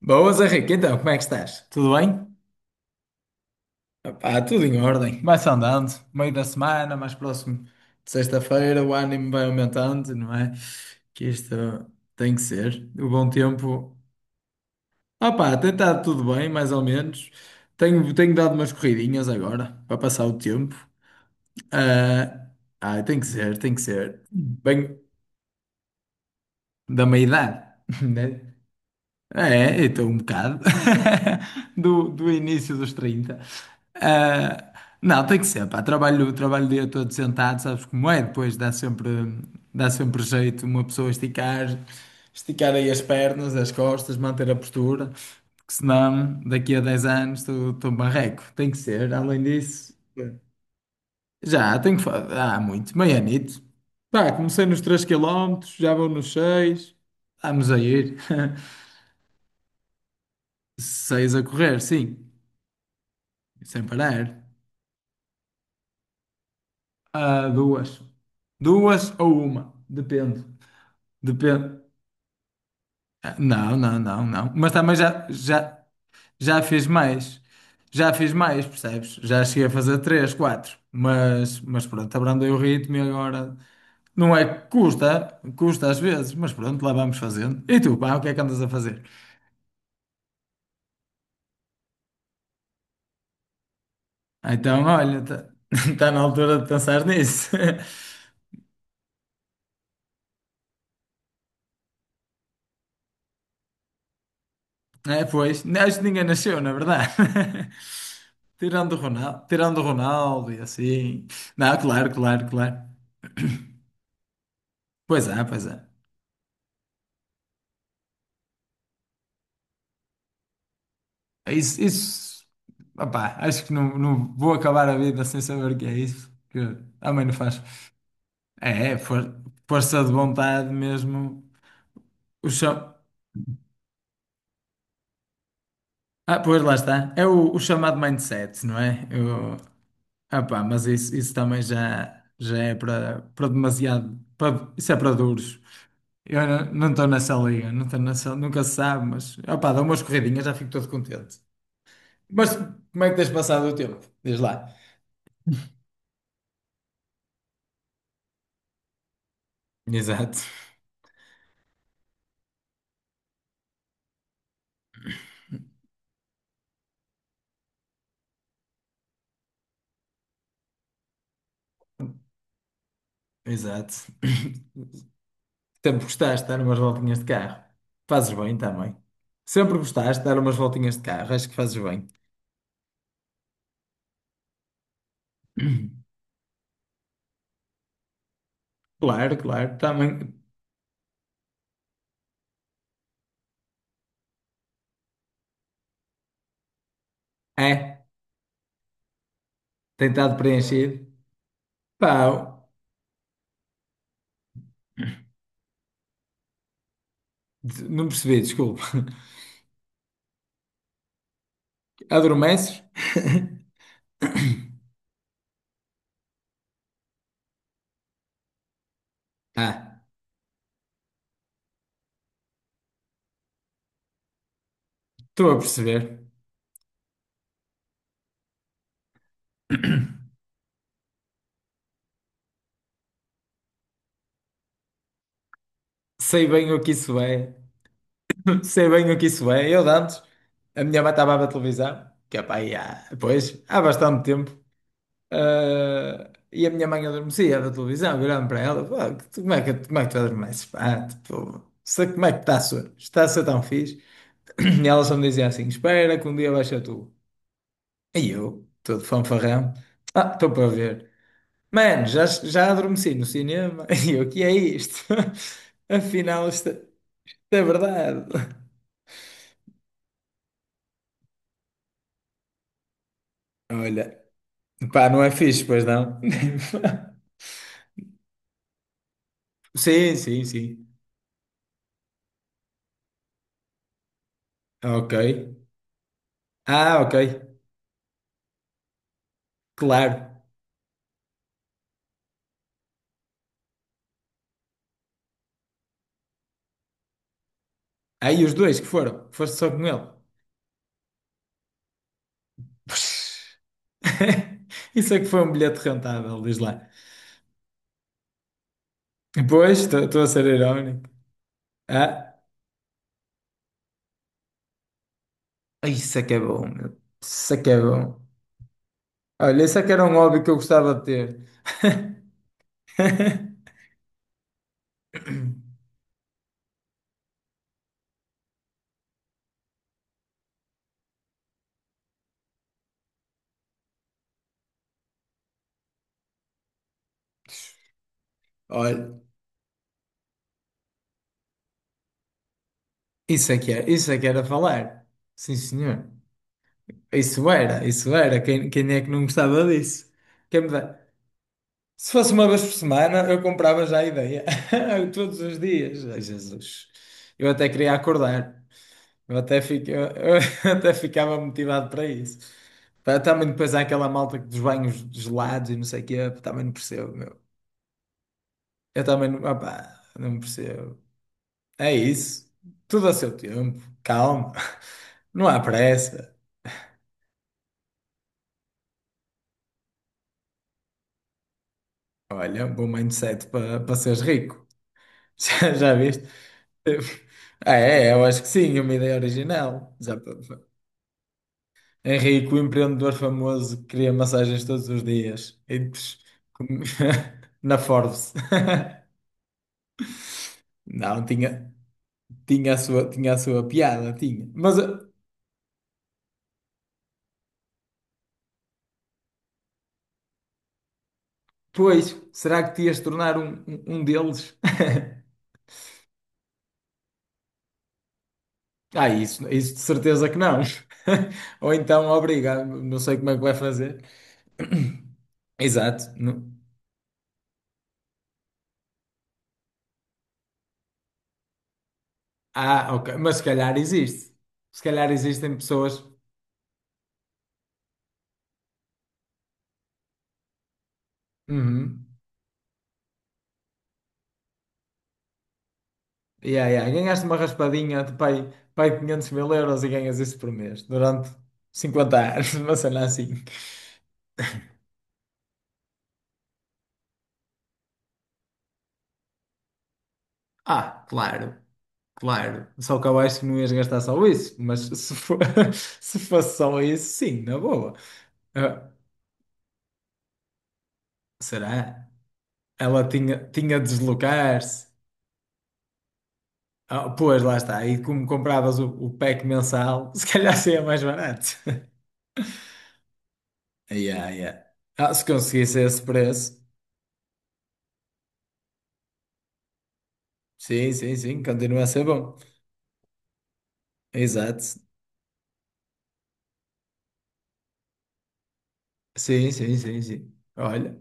Boas, Henrique. Então, como é que estás? Tudo bem? Opá, tudo em ordem. Vai-se andando. Meio da semana, mais próximo de sexta-feira, o ânimo vai aumentando, não é? Que isto tem que ser. O bom tempo. Opá, tem estado tudo bem, mais ou menos. Tenho dado umas corridinhas agora, para passar o tempo. Ah, tem que ser, tem que ser. Bem, da meia idade, né? É, então um bocado do início dos 30. Ah, não, tem que ser, pá. Trabalho o dia todo sentado, sabes como é? Depois dá sempre jeito uma pessoa esticar aí as pernas, as costas, manter a postura, porque senão daqui a 10 anos estou barreco. Tem que ser, além disso. Já, tenho que fazer. Há muito, meio anito. Pá, comecei nos 3 quilómetros, já vou nos seis. Vamos a ir. Seis a correr, sim. Sem parar. Ah, duas. Duas ou uma. Depende. Depende. Ah, não, não, não, não. Mas também já fiz mais. Já fiz mais, percebes? Já cheguei a fazer três, quatro. Mas pronto, abrandei o ritmo e agora. Não é que custa às vezes, mas pronto, lá vamos fazendo. E tu, pá, o que é que andas a fazer? Ah, então, olha, está na altura de pensar nisso. É, pois, acho que ninguém nasceu, na verdade. Tirando o Ronaldo e assim. Não, claro, claro, claro. Pois é, pois é. É isso, isso... Opá, acho que não vou acabar a vida sem saber o que é isso, que a mãe não faz. É força de vontade mesmo. O cha- Ah, pois lá está. É o chamado mindset, não é? O... Ah, pá, mas isso também já é para demasiado. Isso é para duros. Eu não estou nessa liga, não estou nessa, nunca se sabe, mas opá, dou umas corridinhas, já fico todo contente. Mas como é que tens passado o tempo? Diz lá. Exato, exato. Sempre gostaste de dar umas voltinhas de carro. Fazes bem também. Sempre gostaste de dar umas voltinhas de carro, acho que fazes bem. Claro, claro, também. É, tem estado preenchido. Pá, não percebi, desculpa. Adormeces? Ah, estou a perceber. Sei bem o que isso é. Sei bem o que isso é. Eu de antes, a minha mãe estava a ver televisão, que é pá, aí há, pois, há bastante tempo. Ah, e a minha mãe adormecia a ver televisão, virando para ela, pá, como é que tu adormeces? Pá, tipo, sei como é que está a ser tão fixe. E ela só me dizia assim: espera que um dia vais ser tu. E eu, todo fanfarrão, ah, estou para ver. Mano, já, já adormeci no cinema. E eu, o que é isto? Afinal, isto é verdade. Olha. Pá, não é fixe, pois não? Sim, sim, sim. Ok. Ah, ok. Claro. Aí os dois que foram. Foste só com ele. Puxa. Isso é que foi um bilhete rentável, diz lá. Pois, estou a ser irónico. Ah, isso é que é bom, meu. Isso é que é bom. Olha, isso é que era um hobby que eu gostava de ter. Olha, isso é que era, isso é que era falar. Sim, senhor. Isso era, isso era. Quem, quem é que não gostava disso? Quem me dá? Se fosse uma vez por semana, eu comprava já a ideia. Todos os dias. Ai, Jesus. Eu até queria acordar. Eu até, fico, eu até ficava motivado para isso. Pá, também depois há aquela malta que dos banhos gelados e não sei o quê. Também não percebo, meu. Eu também não, opá, não percebo. É isso. Tudo a seu tempo. Calma. Não há pressa. Olha, um bom mindset para seres rico. Já, já viste? Ah, é, eu acho que sim, uma ideia original. Já, Henrique, o empreendedor famoso, cria massagens todos os dias. Com- Na Forbes. Não, tinha, tinha a sua piada, tinha. Mas, pois, será que te ias tornar um deles? Ah, isso de certeza que não. Ou então, obrigado, não sei como é que vai fazer. Exato. Ah, ok. Mas se calhar existe. Se calhar existem pessoas. Uhum. Yeah, yeah. Ganhaste uma raspadinha de pai 500 mil euros e ganhas isso por mês durante 50 anos, uma cena assim. Ah, claro, claro. Só que eu acho que não ias gastar só isso, mas se for, se fosse só isso, sim, na boa. Ah, será? Ela tinha, tinha de deslocar-se. Ah, pois, lá está. E como compravas o pack mensal, se calhar seria mais barato. Yeah, yeah. Ah, se conseguisse esse preço, sim, sim, sim, continua a ser bom. Exato. Sim, sim, sim, sim. Olha,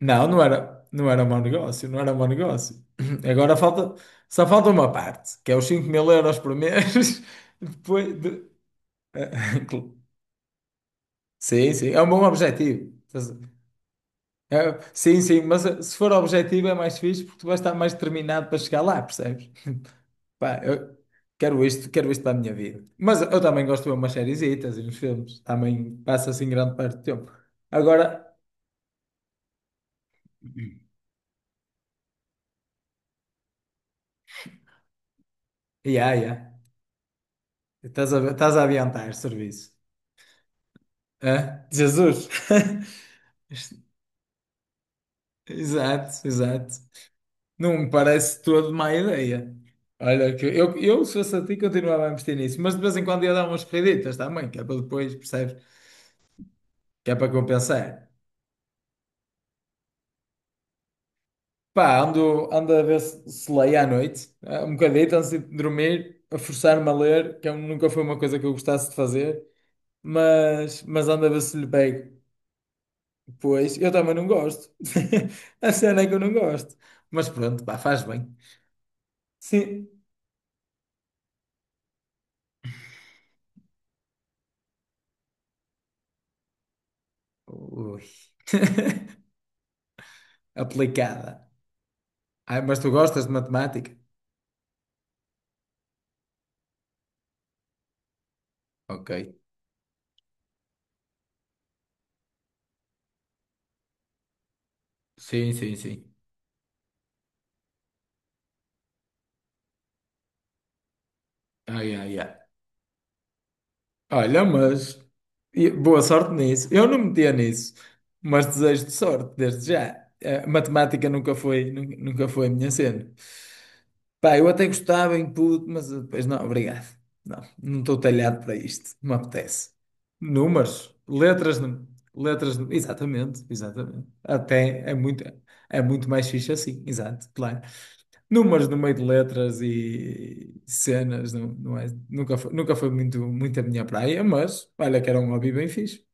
não, não era, não era mau negócio, não era mau negócio. Agora falta, só falta uma parte, que é os 5000 euros por mês. Depois de... Sim, sim, é um bom objetivo. É, sim, sim, mas eh, se for objetivo é mais fixe porque tu vais estar mais determinado para chegar lá, percebes? Pá, eu quero isto para a minha vida. Mas eu também gosto de ver umas sériezitas e uns filmes, também passa assim grande parte do tempo. Agora, yeah, yeah. Estás a adiantar serviço. Hã? Jesus! Exato, exato. Não me parece todo má ideia. Olha, que eu se fosse a ti continuava a investir nisso, mas de vez em quando ia dar umas corriditas também, que é para depois, percebes? Que é para compensar. Pá, ando, ando a ver se leio à noite, eh, um bocadito antes de dormir, a forçar-me a ler, que eu nunca foi uma coisa que eu gostasse de fazer, mas ando a ver se lhe pego. Pois, eu também não gosto. A cena é que eu não gosto. Mas pronto, pá, faz bem. Sim. Ui. Aplicada. Ai, mas tu gostas de matemática? Ok. Sim, sim, sim. Ai, ai, ai. Olha, mas boa sorte nisso. Eu não metia nisso, mas desejo-te sorte desde já. Eh, matemática nunca foi a minha cena. Pá, eu até gostava em puto, mas depois não, obrigado. Não, não estou talhado para isto, não me apetece. Números, letras, exatamente, exatamente. Até é muito mais fixe assim, exato, claro. Números no meio de letras e cenas, não, não é, nunca foi muito, muito a minha praia, mas olha que era um hobby bem fixe.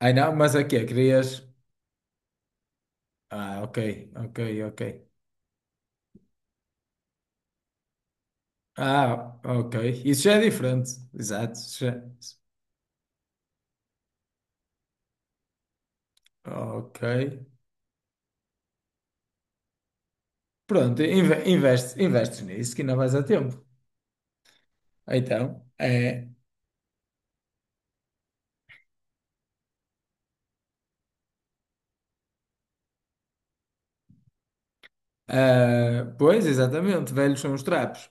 Ai não, mas aqui é, que é, querias. Ah, ok, ok, ok. Ah, ok. Isso já é diferente. Exato. Isso já... Ok. Pronto, investes nisso que ainda vais a tempo. Então, é. Ah, pois, exatamente, velhos são os trapos.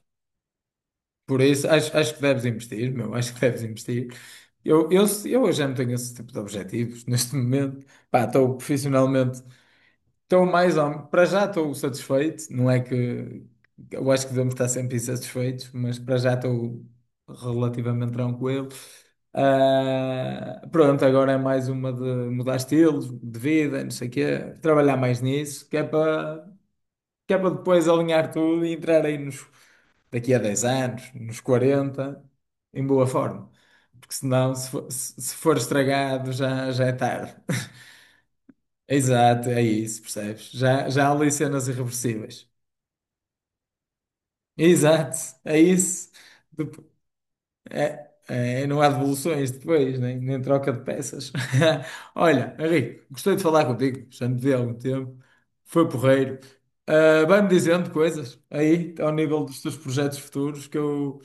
Por isso, acho que deves investir, meu, acho que deves investir. Eu já não tenho esse tipo de objetivos neste momento. Pá, estou profissionalmente. Estou mais ou... Para já estou satisfeito, não é que eu acho que devemos estar sempre insatisfeitos, mas para já estou relativamente tranquilo. Ah, pronto, agora é mais uma de mudar estilos de vida, não sei o quê, trabalhar mais nisso, que é para depois alinhar tudo e entrar aí nos, daqui a 10 anos, nos 40, em boa forma. Porque senão, se for, se for estragado, já é tarde. Exato, é isso, percebes? Já há ali cenas irreversíveis. Exato, é isso. Dep- É, é, não há devoluções depois, nem troca de peças. Olha, Henrique, gostei de falar contigo, já me vi há algum tempo, foi porreiro. Ah, vai-me dizendo coisas aí, ao nível dos teus projetos futuros, que eu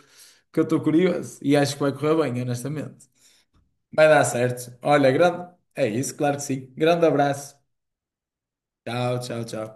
que eu estou curioso e acho que vai correr bem, honestamente. Vai dar certo. Olha, grande. É isso, claro que sim. Grande abraço. Tchau, tchau, tchau.